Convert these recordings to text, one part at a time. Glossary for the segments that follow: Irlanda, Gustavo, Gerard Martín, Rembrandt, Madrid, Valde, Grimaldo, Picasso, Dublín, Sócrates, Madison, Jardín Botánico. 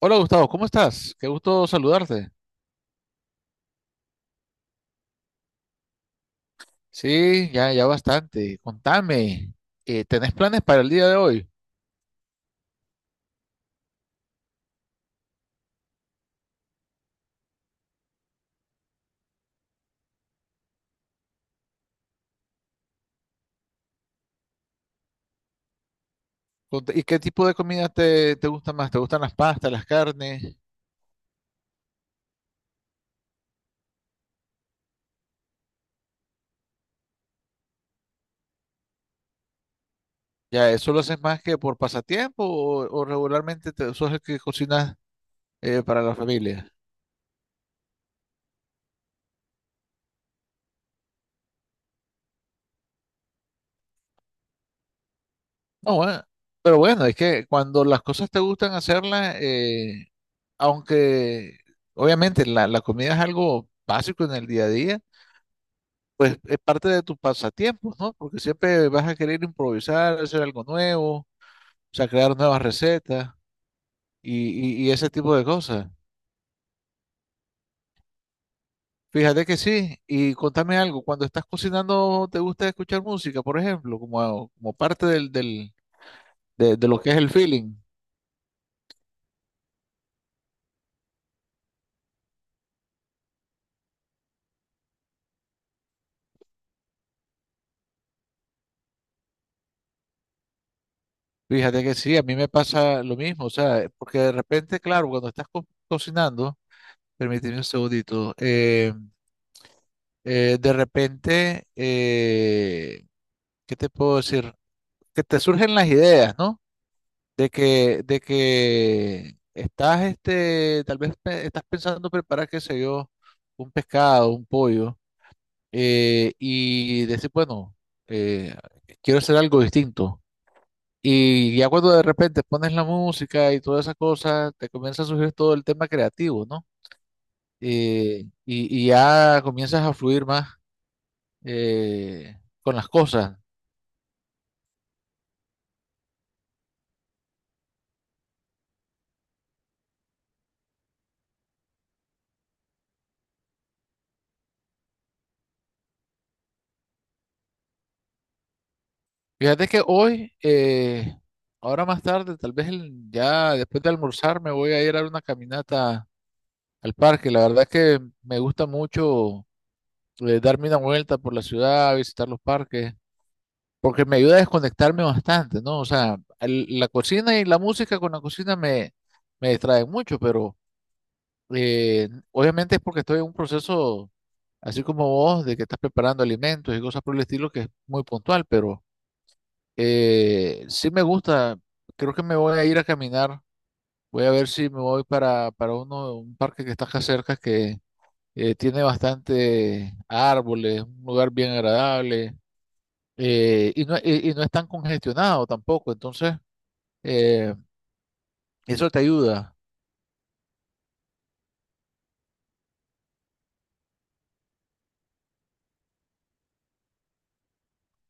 Hola Gustavo, ¿cómo estás? Qué gusto saludarte. Sí, ya, ya bastante. Contame, ¿tenés planes para el día de hoy? ¿Y qué tipo de comida te gusta más? ¿Te gustan las pastas, las carnes? ¿Ya eso lo haces más que por pasatiempo o regularmente te, sos el que cocinas para la familia? No, bueno, pero bueno, es que cuando las cosas te gustan hacerlas, aunque obviamente la comida es algo básico en el día a día, pues es parte de tus pasatiempos, ¿no? Porque siempre vas a querer improvisar, hacer algo nuevo, o sea, crear nuevas recetas y ese tipo de cosas. Fíjate que sí, y contame algo, cuando estás cocinando, ¿te gusta escuchar música, por ejemplo, como, como parte de lo que es el feeling? Fíjate que sí, a mí me pasa lo mismo, o sea, porque de repente, claro, cuando estás cocinando, permíteme un segundito, de repente, ¿qué te puedo decir? Que te surgen las ideas, ¿no? De que estás, este, tal vez estás pensando preparar, qué sé yo, un pescado, un pollo, y decir, bueno, eh, quiero hacer algo distinto. Y ya cuando de repente pones la música y todas esas cosas, te comienza a surgir todo el tema creativo, ¿no? Y ya comienzas a fluir más con las cosas. Fíjate que hoy, ahora más tarde, tal vez ya después de almorzar, me voy a ir a dar una caminata al parque. La verdad que me gusta mucho darme una vuelta por la ciudad, visitar los parques, porque me ayuda a desconectarme bastante, ¿no? O sea, la cocina y la música con la cocina me distraen mucho, pero obviamente es porque estoy en un proceso, así como vos, de que estás preparando alimentos y cosas por el estilo, que es muy puntual, pero… sí me gusta, creo que me voy a ir a caminar. Voy a ver si me voy para uno, un parque que está acá cerca que tiene bastante árboles, un lugar bien agradable, y no es tan congestionado tampoco. Entonces, eh, eso te ayuda.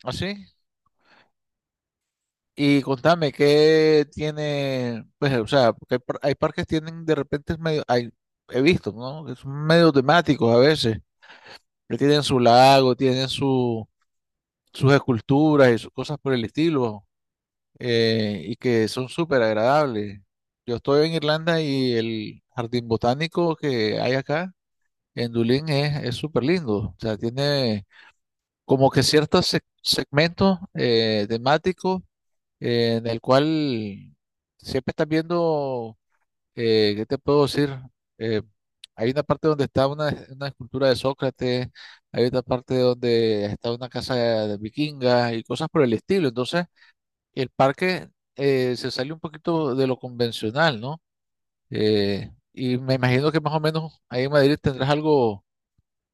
¿Así? Y contame, ¿qué tiene? Pues, o sea, porque hay, hay parques que tienen de repente, es medio, hay, he visto, ¿no? Que son medio temáticos a veces, que tienen su lago, tienen su sus esculturas y sus cosas por el estilo, y que son súper agradables. Yo estoy en Irlanda y el jardín botánico que hay acá en Dublín es súper lindo. O sea, tiene como que ciertos segmentos temáticos, en el cual siempre estás viendo, ¿qué te puedo decir? Eh, hay una parte donde está una escultura de Sócrates, hay otra parte donde está una casa de vikinga y cosas por el estilo. Entonces, el parque se sale un poquito de lo convencional, ¿no? Y me imagino que más o menos ahí en Madrid tendrás algo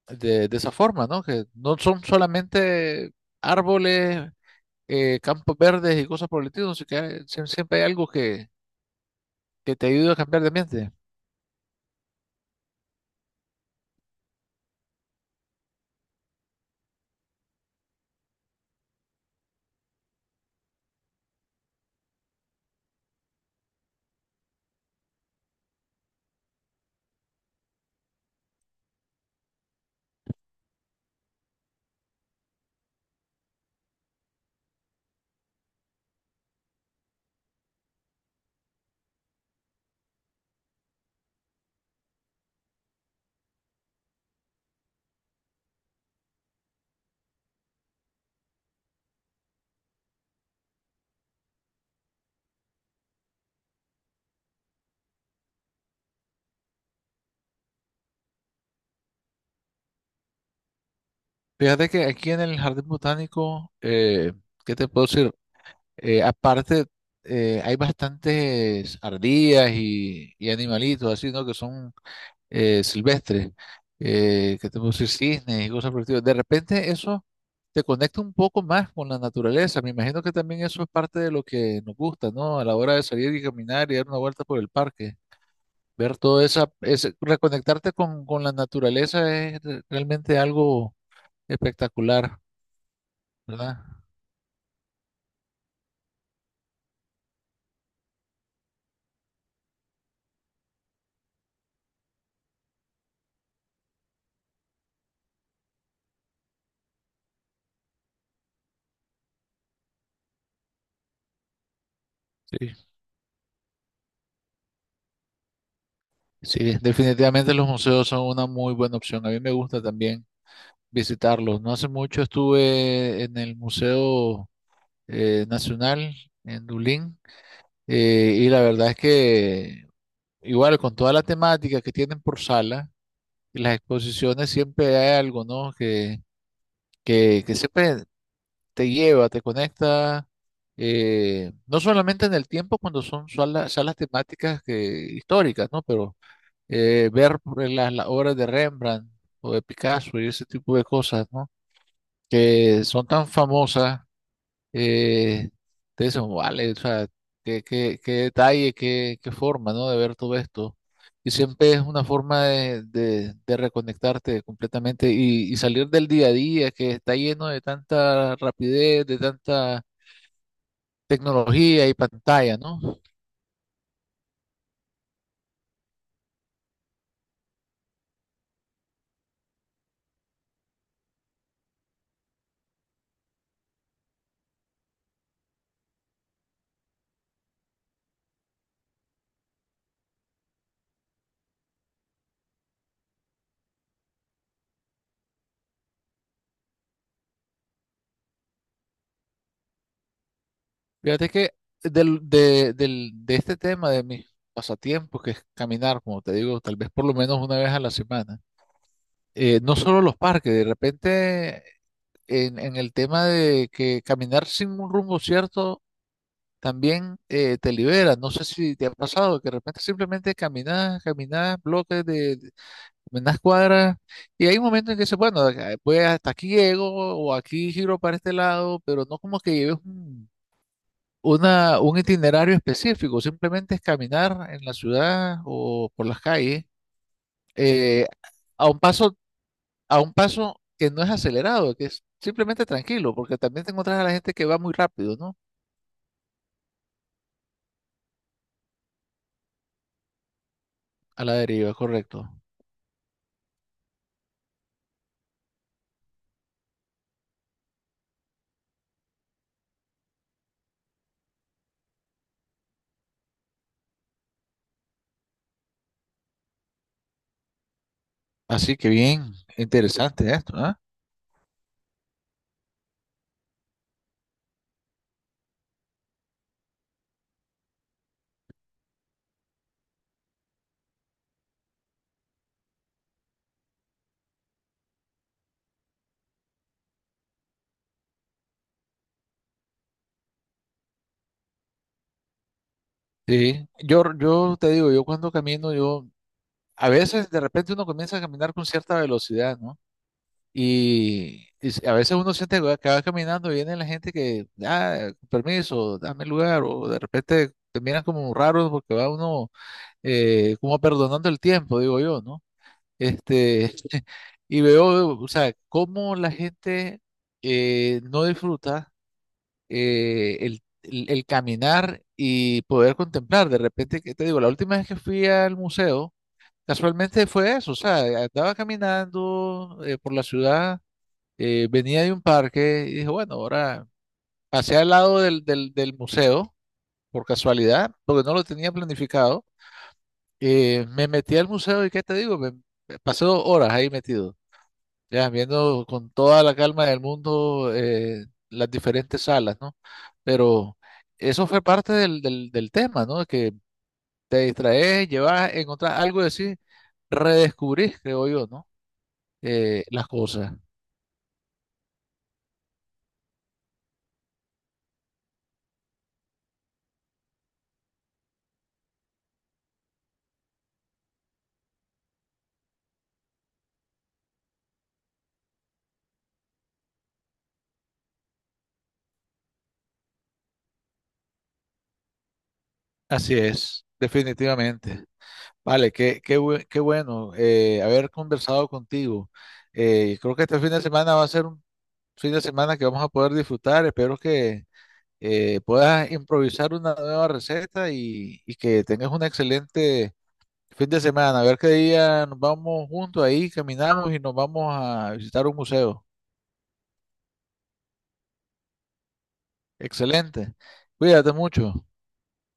de esa forma, ¿no? Que no son solamente árboles, campos verdes y cosas por el estilo, sino que siempre hay algo que te ayuda a cambiar de ambiente. Fíjate que aquí en el Jardín Botánico, ¿qué te puedo decir? Aparte, hay bastantes ardillas y animalitos así, ¿no? Que son silvestres. ¿Qué te puedo decir? Cisnes y cosas por el estilo. De repente eso te conecta un poco más con la naturaleza. Me imagino que también eso es parte de lo que nos gusta, ¿no? A la hora de salir y caminar y dar una vuelta por el parque. Ver todo reconectarte con la naturaleza es realmente algo espectacular. ¿Verdad? Sí, sí, definitivamente los museos son una muy buena opción. A mí me gusta también visitarlos. No hace mucho estuve en el Museo Nacional en Dublín, y la verdad es que igual con toda la temática que tienen por sala, las exposiciones siempre hay algo, ¿no? Que siempre te lleva, te conecta. No solamente en el tiempo cuando son salas temáticas que, históricas, ¿no? Pero ver las obras de Rembrandt o de Picasso y ese tipo de cosas, ¿no? Que son tan famosas, eh, te dicen, vale, o sea, qué detalle, qué forma, ¿no? De ver todo esto. Y siempre es una forma de reconectarte completamente y salir del día a día que está lleno de tanta rapidez, de tanta tecnología y pantalla, ¿no? Fíjate que de este tema de mis pasatiempos, que es caminar, como te digo, tal vez por lo menos una vez a la semana, no solo los parques, de repente en el tema de que caminar sin un rumbo cierto también te libera. No sé si te ha pasado que de repente simplemente caminas, caminas bloques caminas cuadras y hay un momento en que dices, bueno, voy hasta aquí llego o aquí giro para este lado, pero no como que lleves un itinerario específico, simplemente es caminar en la ciudad o por las calles, eh, a un paso, a un paso que no es acelerado, que es simplemente tranquilo, porque también te encuentras a la gente que va muy rápido, ¿no? A la deriva, correcto. Así que bien, interesante esto, ¿ah? Sí, yo te digo, yo cuando camino, yo, a veces de repente uno comienza a caminar con cierta velocidad, ¿no? Y a veces uno siente que va caminando y viene la gente que, ah, permiso, dame lugar, o de repente te miran como raro porque va uno como perdonando el tiempo, digo yo, ¿no? Este, y veo, o sea, cómo la gente no disfruta el caminar y poder contemplar. De repente, que te digo, la última vez que fui al museo, casualmente fue eso, o sea, andaba caminando por la ciudad, venía de un parque y dije, bueno, ahora pasé al lado del museo, por casualidad, porque no lo tenía planificado. Me metí al museo y ¿qué te digo? Me pasé 2 horas ahí metido, ya viendo con toda la calma del mundo, las diferentes salas, ¿no? Pero eso fue parte del tema, ¿no? Que te distraes, llevas, encontrás algo y decís, redescubrís, creo yo, ¿no? Las cosas. Así es, definitivamente. Vale, qué bueno haber conversado contigo. Creo que este fin de semana va a ser un fin de semana que vamos a poder disfrutar. Espero que puedas improvisar una nueva receta y que tengas un excelente fin de semana. A ver qué día nos vamos juntos ahí, caminamos y nos vamos a visitar un museo. Excelente. Cuídate mucho.